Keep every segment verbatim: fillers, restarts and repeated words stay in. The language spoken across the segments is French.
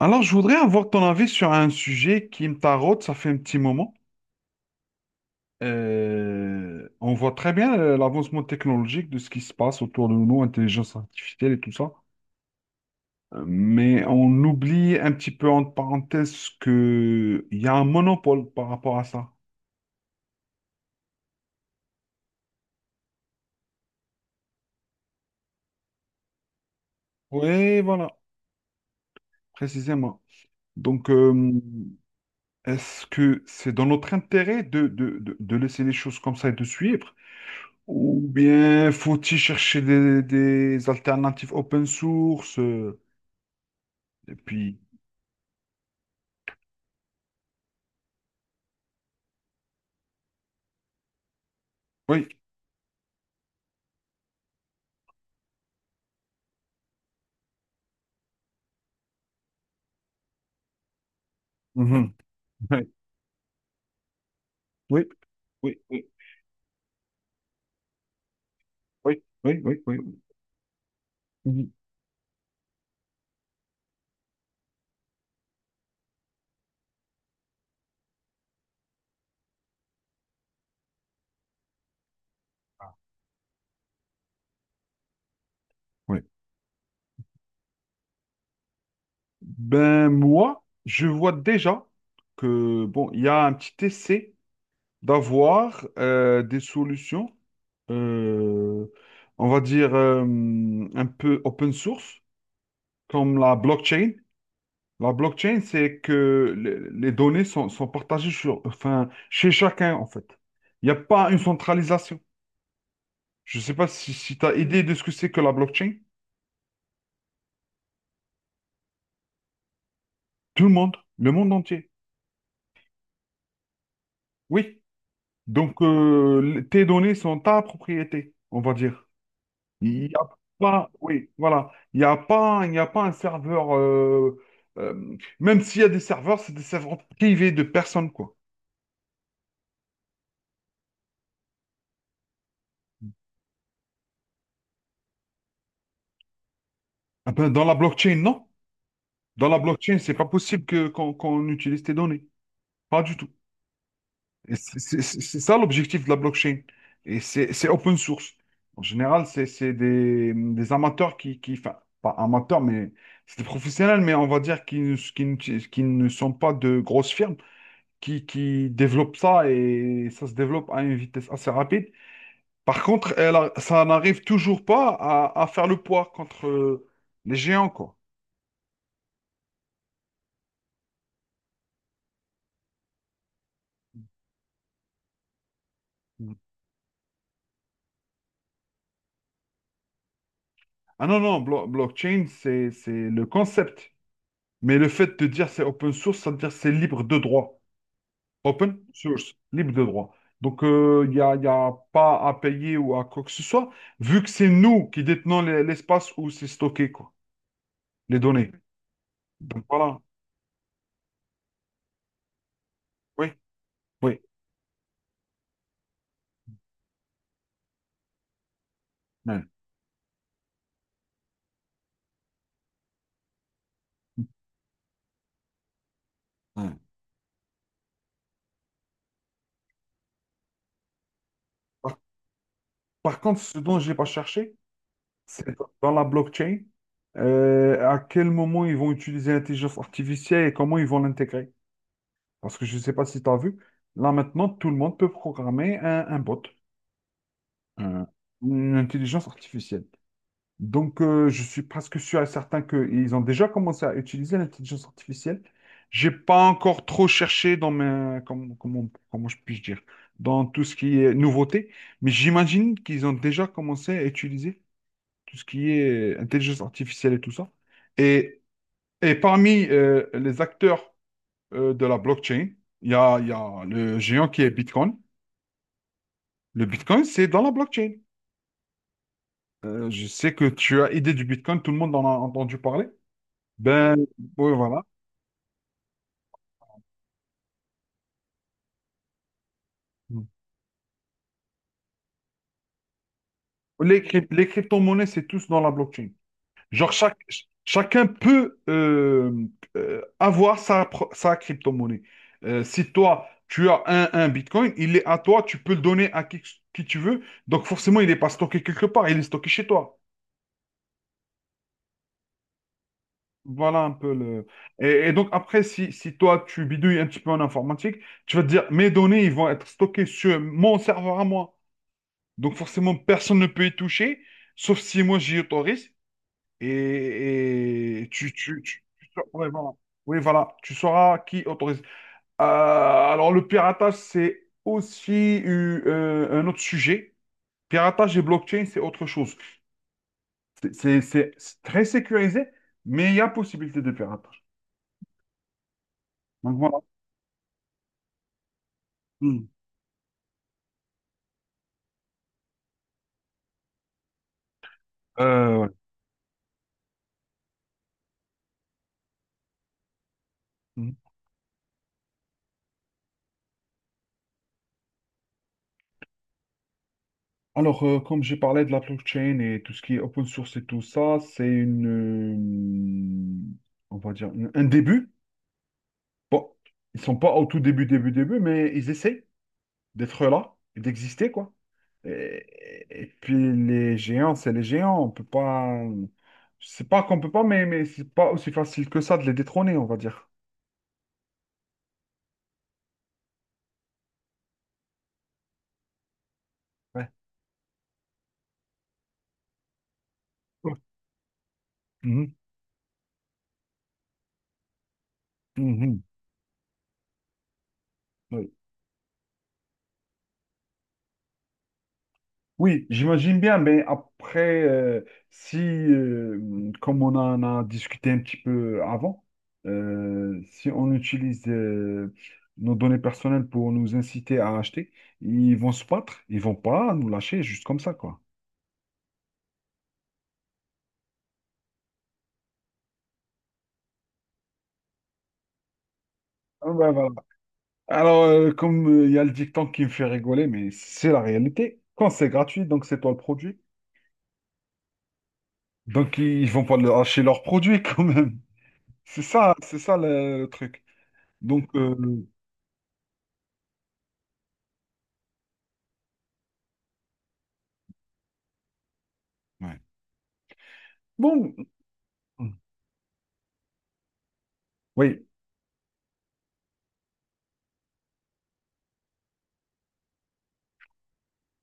Alors, je voudrais avoir ton avis sur un sujet qui me taraude, ça fait un petit moment. Euh, on voit très bien euh, l'avancement technologique de ce qui se passe autour de nous, intelligence artificielle et tout ça. Euh, Mais on oublie un petit peu entre parenthèses qu'il y a un monopole par rapport à ça. Oui, voilà, précisément. Donc, euh, est-ce que c'est dans notre intérêt de, de, de de laisser les choses comme ça et de suivre? Ou bien faut-il chercher des, des alternatives open source? euh, Et puis, oui. Mhm. Oui, oui, oui, oui, oui, oui, oui, oui. Mhm. Oui. Ben moi, je vois déjà que bon, il y a un petit essai d'avoir euh, des solutions, euh, on va dire euh, un peu open source, comme la blockchain. La blockchain, c'est que le- les données sont, sont partagées sur, enfin, chez chacun, en fait. Il n'y a pas une centralisation. Je ne sais pas si, si tu as idée de ce que c'est que la blockchain. Tout le monde, le monde entier. Oui. Donc, euh, le- tes données sont ta propriété, on va dire. Il n'y a pas, oui, voilà. Il n'y a pas, il n'y a pas un serveur, euh, euh, même s'il y a des serveurs, c'est des serveurs privés de personnes, quoi. Ah ben, dans la blockchain, non. Dans la blockchain, c'est pas possible que, qu'on qu'on utilise tes données. Pas du tout. Et C'est c'est- c'est ça l'objectif de la blockchain. Et c'est c'est open source. En général, c'est c'est des, des amateurs qui, qui, enfin, pas amateurs, mais c'est des professionnels, mais on va dire qui, ne- qui, ne- qui ne sont pas de grosses firmes, qui, qui développent ça et ça se développe à une vitesse assez rapide. Par contre, elle a- ça n'arrive toujours pas à, à faire le poids contre les géants, quoi. Ah non, non, blo- blockchain, c'est c'est le concept. Mais le fait de dire c'est open source, ça veut dire c'est libre de droit. Open source, libre de droit. Donc, euh, il n'y a, il y a pas à payer ou à quoi que ce soit, vu que c'est nous qui détenons les- l'espace où c'est stocké, quoi, les données. Donc, voilà. Oui, oui. Ouais, ouais. Par, par contre, ce dont je n'ai pas cherché, c'est dans dans la blockchain, euh, à quel moment ils vont utiliser l'intelligence artificielle et comment ils vont l'intégrer. Parce que je ne sais pas si tu as vu, là maintenant, tout le monde peut programmer un un bot. un- une intelligence artificielle. Donc, euh, je suis presque sûr et certain qu'ils ont déjà commencé à utiliser l'intelligence artificielle. J'ai pas encore trop cherché dans mes, comment, comment, comment je puis dire, dans tout ce qui est nouveauté, mais j'imagine qu'ils ont déjà commencé à utiliser tout ce qui est intelligence artificielle et tout ça. Et, et parmi euh, les acteurs euh, de la blockchain, il y a, il y a le géant qui est Bitcoin. Le Bitcoin, c'est dans la blockchain. Euh, je sais que tu as idée du Bitcoin, tout le monde en a entendu parler. Ben, oui, voilà. Les, cryp- les crypto-monnaies, c'est tous dans la blockchain. Genre, chaque, ch- chacun peut euh, euh, avoir sa, pro- sa crypto-monnaie. Euh, si toi, tu as un, un Bitcoin, il est à toi, tu peux le donner à qui, qui tu veux. Donc, forcément, il n'est pas stocké quelque part, il est stocké chez toi. Voilà un peu le… Et, et donc, après, si, si toi, tu bidouilles un petit peu en informatique, tu vas te dire, mes données, ils vont être stockées sur mon serveur à moi. Donc forcément, personne ne peut y toucher, sauf si moi j'y autorise. Et, et tu, tu, tu- tu ouais, voilà. Oui, voilà, tu sauras qui autorise. Euh, alors le piratage, c'est aussi eu, euh, un autre sujet. Piratage et blockchain, c'est autre chose. C'est c'est- c'est- c'est très sécurisé, mais il y a possibilité de piratage. Donc voilà. Mm. Euh, ouais. Hmm. Alors, euh, comme j'ai parlé de la blockchain et tout ce qui est open source et tout ça, c'est une, euh, on va dire, une- un début. Bon, ils sont pas au tout début, début, début, mais ils essaient d'être là et d'exister, quoi. Et, et puis les géants, c'est les géants. On peut pas, c'est pas qu'on peut pas, mais mais c'est pas aussi facile que ça de les détrôner, on va dire. Ouais. Mhm, mhm, ouais. Oui, j'imagine bien, mais après, euh, si, euh, comme on en a discuté un petit peu avant, euh, si on utilise euh, nos données personnelles pour nous inciter à acheter, ils vont se battre, ils vont pas nous lâcher juste comme ça, quoi. Ah bah voilà. Alors, euh, comme euh, il y a le dicton qui me fait rigoler, mais c'est la réalité. Quand c'est gratuit, donc c'est toi le produit. Donc, ils ils vont pas le lâcher leur produit quand même. C'est ça, c'est ça le, le truc. Donc, euh, ouais. Bon. Oui,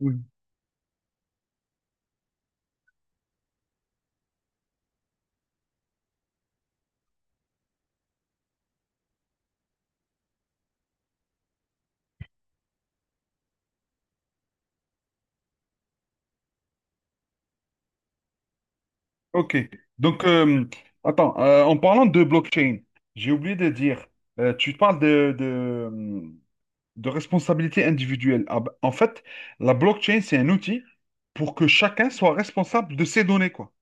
oui. Ok. Donc, euh, Attends, euh, en parlant de blockchain, j'ai oublié de dire, euh, tu parles de, de, de responsabilité individuelle. Ah bah, en fait, la blockchain, c'est un outil pour que chacun soit responsable de ses données, quoi.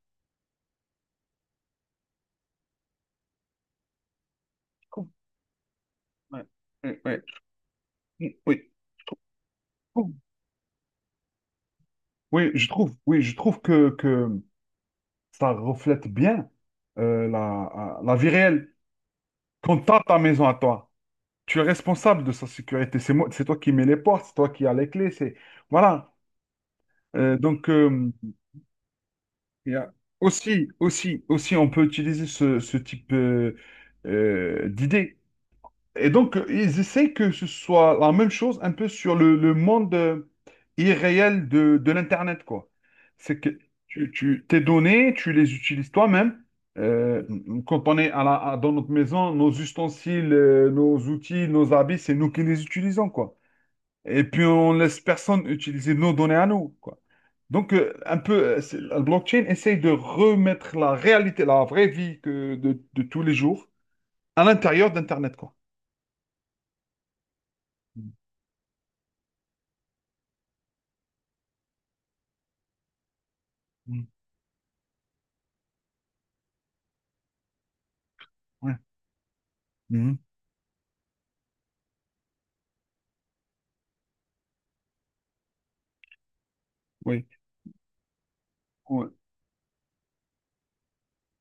Cool. Ouais. Ouais, ouais. Oui, oui. trouve- Oui, je trouve, oui, je trouve que, que ça reflète bien euh, la, la vie réelle. Quand t'as ta maison à toi, tu es responsable de sa sécurité. C'est moi, c'est toi qui mets les portes, c'est toi qui as les clés. C'est Voilà. Euh, donc euh, il y a- aussi, aussi, aussi, on peut utiliser ce, ce type euh, euh, d'idée. Et donc euh, ils essaient que ce soit la même chose un peu sur le, le monde euh, irréel de, de l'internet quoi. C'est que tu, tu tes données, tu les utilises toi-même. Euh, Quand on est à la- à- dans notre maison, nos ustensiles, euh, nos outils, nos habits, c'est nous qui les utilisons, quoi. Et puis, on laisse personne utiliser nos données à nous, quoi. Donc, euh, un peu, euh, c'est- la blockchain essaye de remettre la réalité, la vraie vie que de, de tous les jours à l'intérieur d'Internet, quoi. Mm, mm, ouais, mhm. Oui, oui,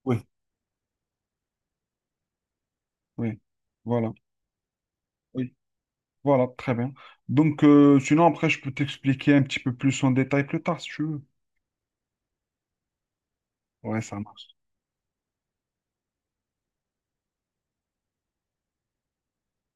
oui, oui. Voilà, oui, voilà, très bien. Donc, euh, sinon, après, je peux t'expliquer un petit peu plus en détail plus tard, si tu veux. Ouais, ça marche.